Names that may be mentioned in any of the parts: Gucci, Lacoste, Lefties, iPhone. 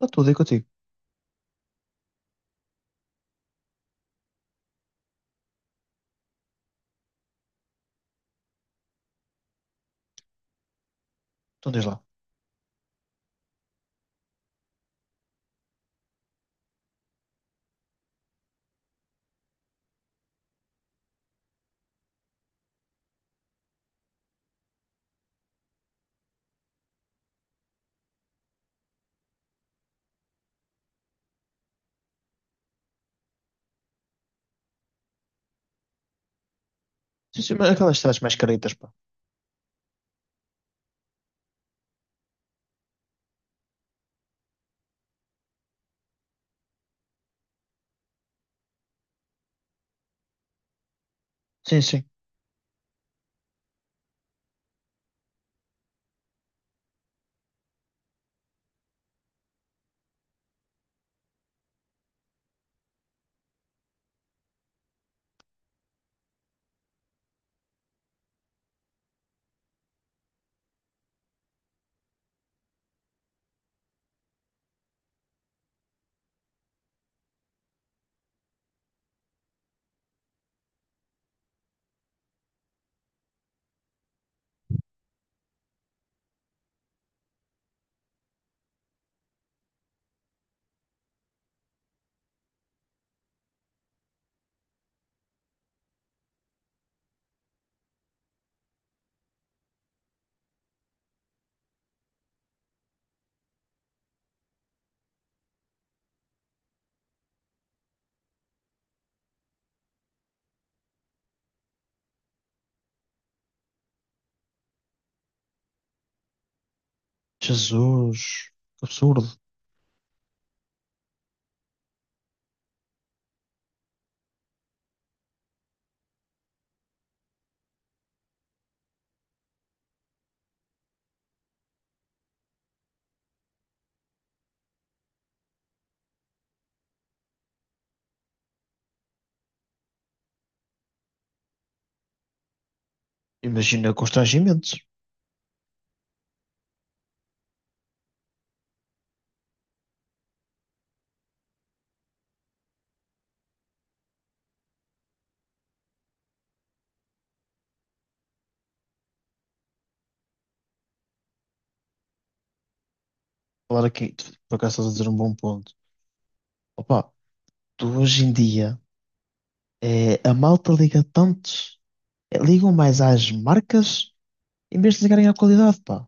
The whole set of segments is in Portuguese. Está tudo aí contigo. Então diz lá. Sim, sim, mas aquelas cidades mais caretas, pá. Sim, sim. Jesus, que absurdo. Imagina constrangimentos. Falar aqui, por acaso estás a dizer um bom ponto. Opa, tu hoje em dia, é, a malta liga tanto, é, ligam mais às marcas em vez de ligarem à qualidade, pá.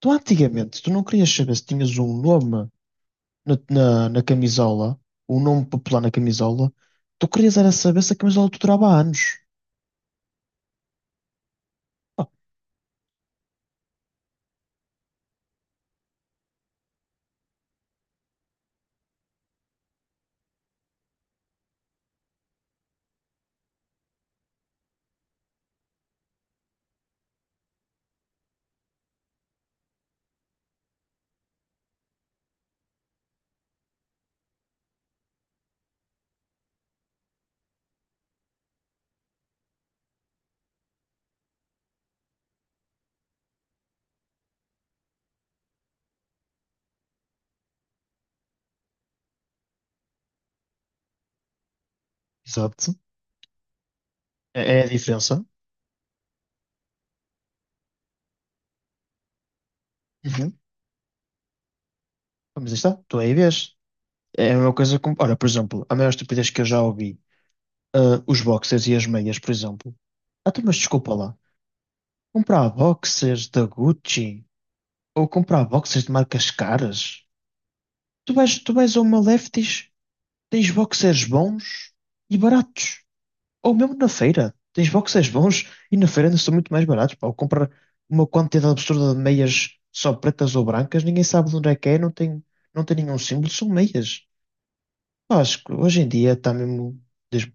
Tu antigamente, tu não querias saber se tinhas um nome na camisola, um nome popular na camisola, tu querias era saber se a camisola te durava anos. Exato. É a diferença. Uhum. Mas aí está, tu aí vês. É a mesma coisa como. Olha, por exemplo, a maior estupidez que eu já ouvi, ah, os boxers e as meias, por exemplo. Ah, tu, mas desculpa lá. Comprar boxers da Gucci ou comprar boxers de marcas caras. Tu vais a uma Lefties. Tens boxers bons e baratos. Ou mesmo na feira. Tens boxers bons e na feira ainda são muito mais baratos. Pá. Ou comprar uma quantidade absurda de meias só pretas ou brancas, ninguém sabe de onde é que é, não tem nenhum símbolo, são meias. Pá, acho que hoje em dia está mesmo. des-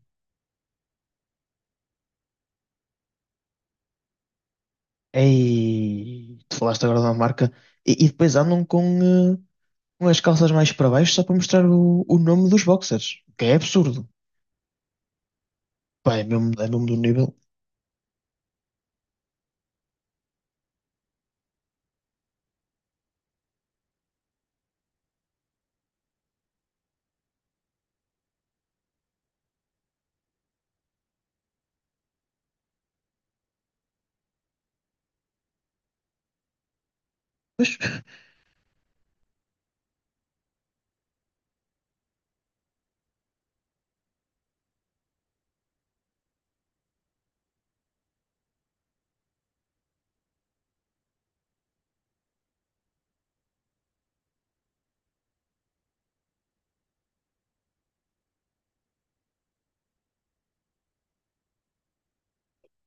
Ei, tu falaste agora de uma marca. E depois andam com, eh, com as calças mais para baixo só para mostrar o nome dos boxers. O que é absurdo. Pá, é mesmo do nível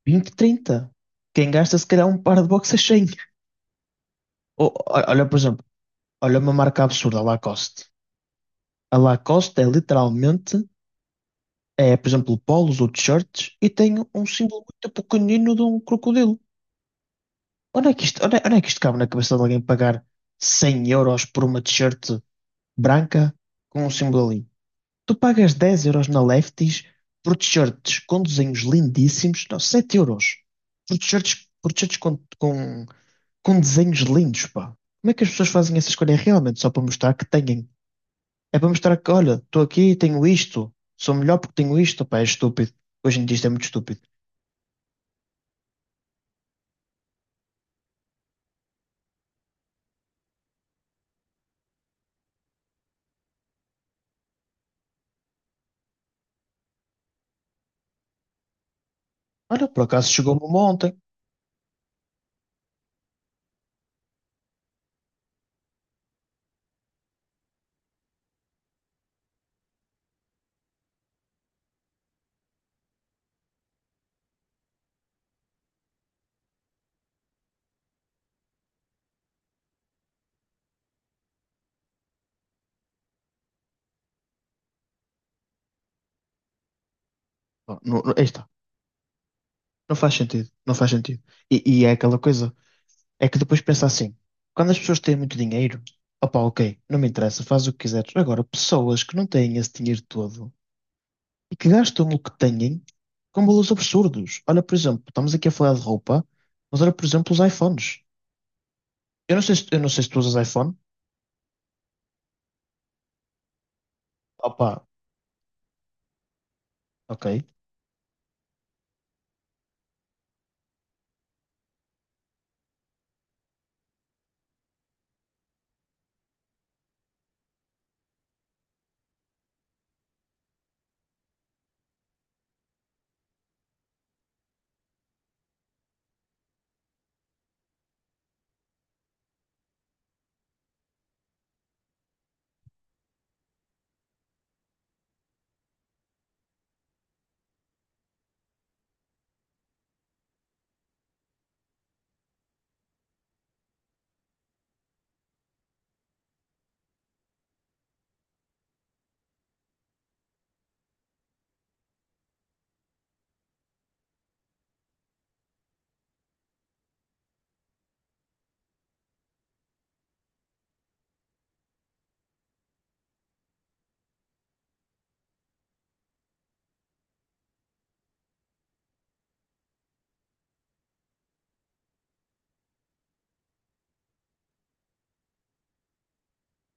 20, 30. Quem gasta se calhar um par de boxers. O- o- Olha, por exemplo, olha uma marca absurda, a Lacoste. A Lacoste é literalmente, é, por exemplo, polos ou t-shirts e tem um símbolo muito pequenino de um crocodilo. Onde é que isto, onde é que isto cabe na cabeça de alguém pagar 100 euros por uma t-shirt branca com um símbolo ali? Tu pagas 10 euros na Lefties por t-shirts com desenhos lindíssimos, não, 7 euros por t-shirts, com desenhos lindos, pá. Como é que as pessoas fazem essa escolha realmente só para mostrar que têm. É para mostrar que, olha, estou aqui, tenho isto, sou melhor porque tenho isto, pá, é estúpido. Hoje em dia isto é muito estúpido. Olha, por acaso chegou-me uma ontem. Pá, não, não, aí está. Não faz sentido, não faz sentido. E é aquela coisa, é que depois pensa assim, quando as pessoas têm muito dinheiro, opá, ok, não me interessa, faz o que quiseres. Agora, pessoas que não têm esse dinheiro todo e que gastam o que têm com valores absurdos. Olha, por exemplo, estamos aqui a falar de roupa, mas olha, por exemplo, os iPhones. Eu não sei se tu usas iPhone. Opá, ok.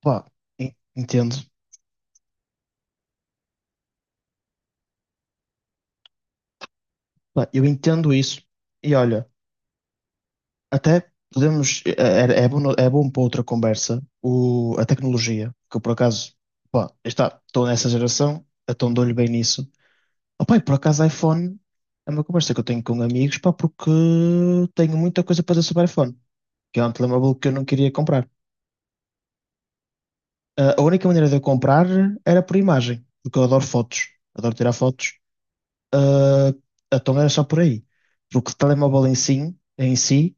Pá, entendo. Pá, eu entendo isso. E olha, até podemos. É bom, é bom para outra conversa a tecnologia, que eu por acaso, pá, estou nessa geração, então dou-lhe bem nisso. Opá, e por acaso iPhone é uma conversa que eu tenho com amigos, pá, porque tenho muita coisa para dizer sobre iPhone, que é um telemóvel que eu não queria comprar. Ah, a única maneira de eu comprar era por imagem, porque eu adoro fotos, adoro tirar fotos. Ah, então era só por aí. Porque telemóvel em si,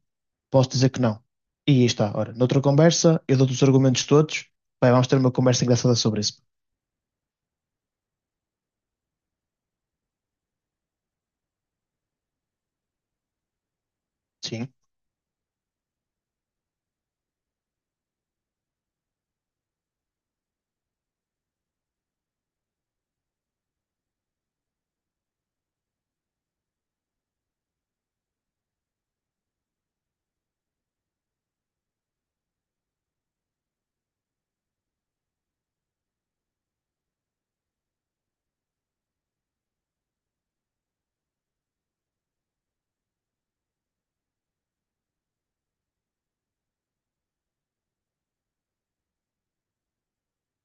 posso dizer que não. E aí está. Ora, noutra conversa, eu dou-te os argumentos todos. Vamos ter uma conversa engraçada sobre isso. Sim,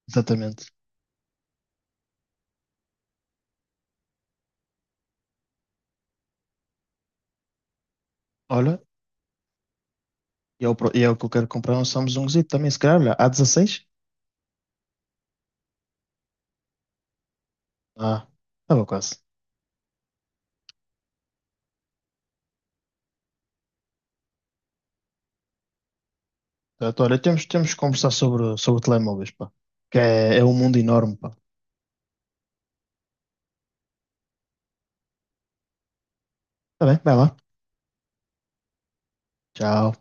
exatamente. Olha, e é o pro- e é o que eu quero comprar um Samsungzito também, se calhar. Olha, a dezasseis. Ah, estava quase. Portanto, olha, temos que conversar sobre telemóveis, pá. Que é um mundo enorme, pá. Tá bem, vai lá. Tchau.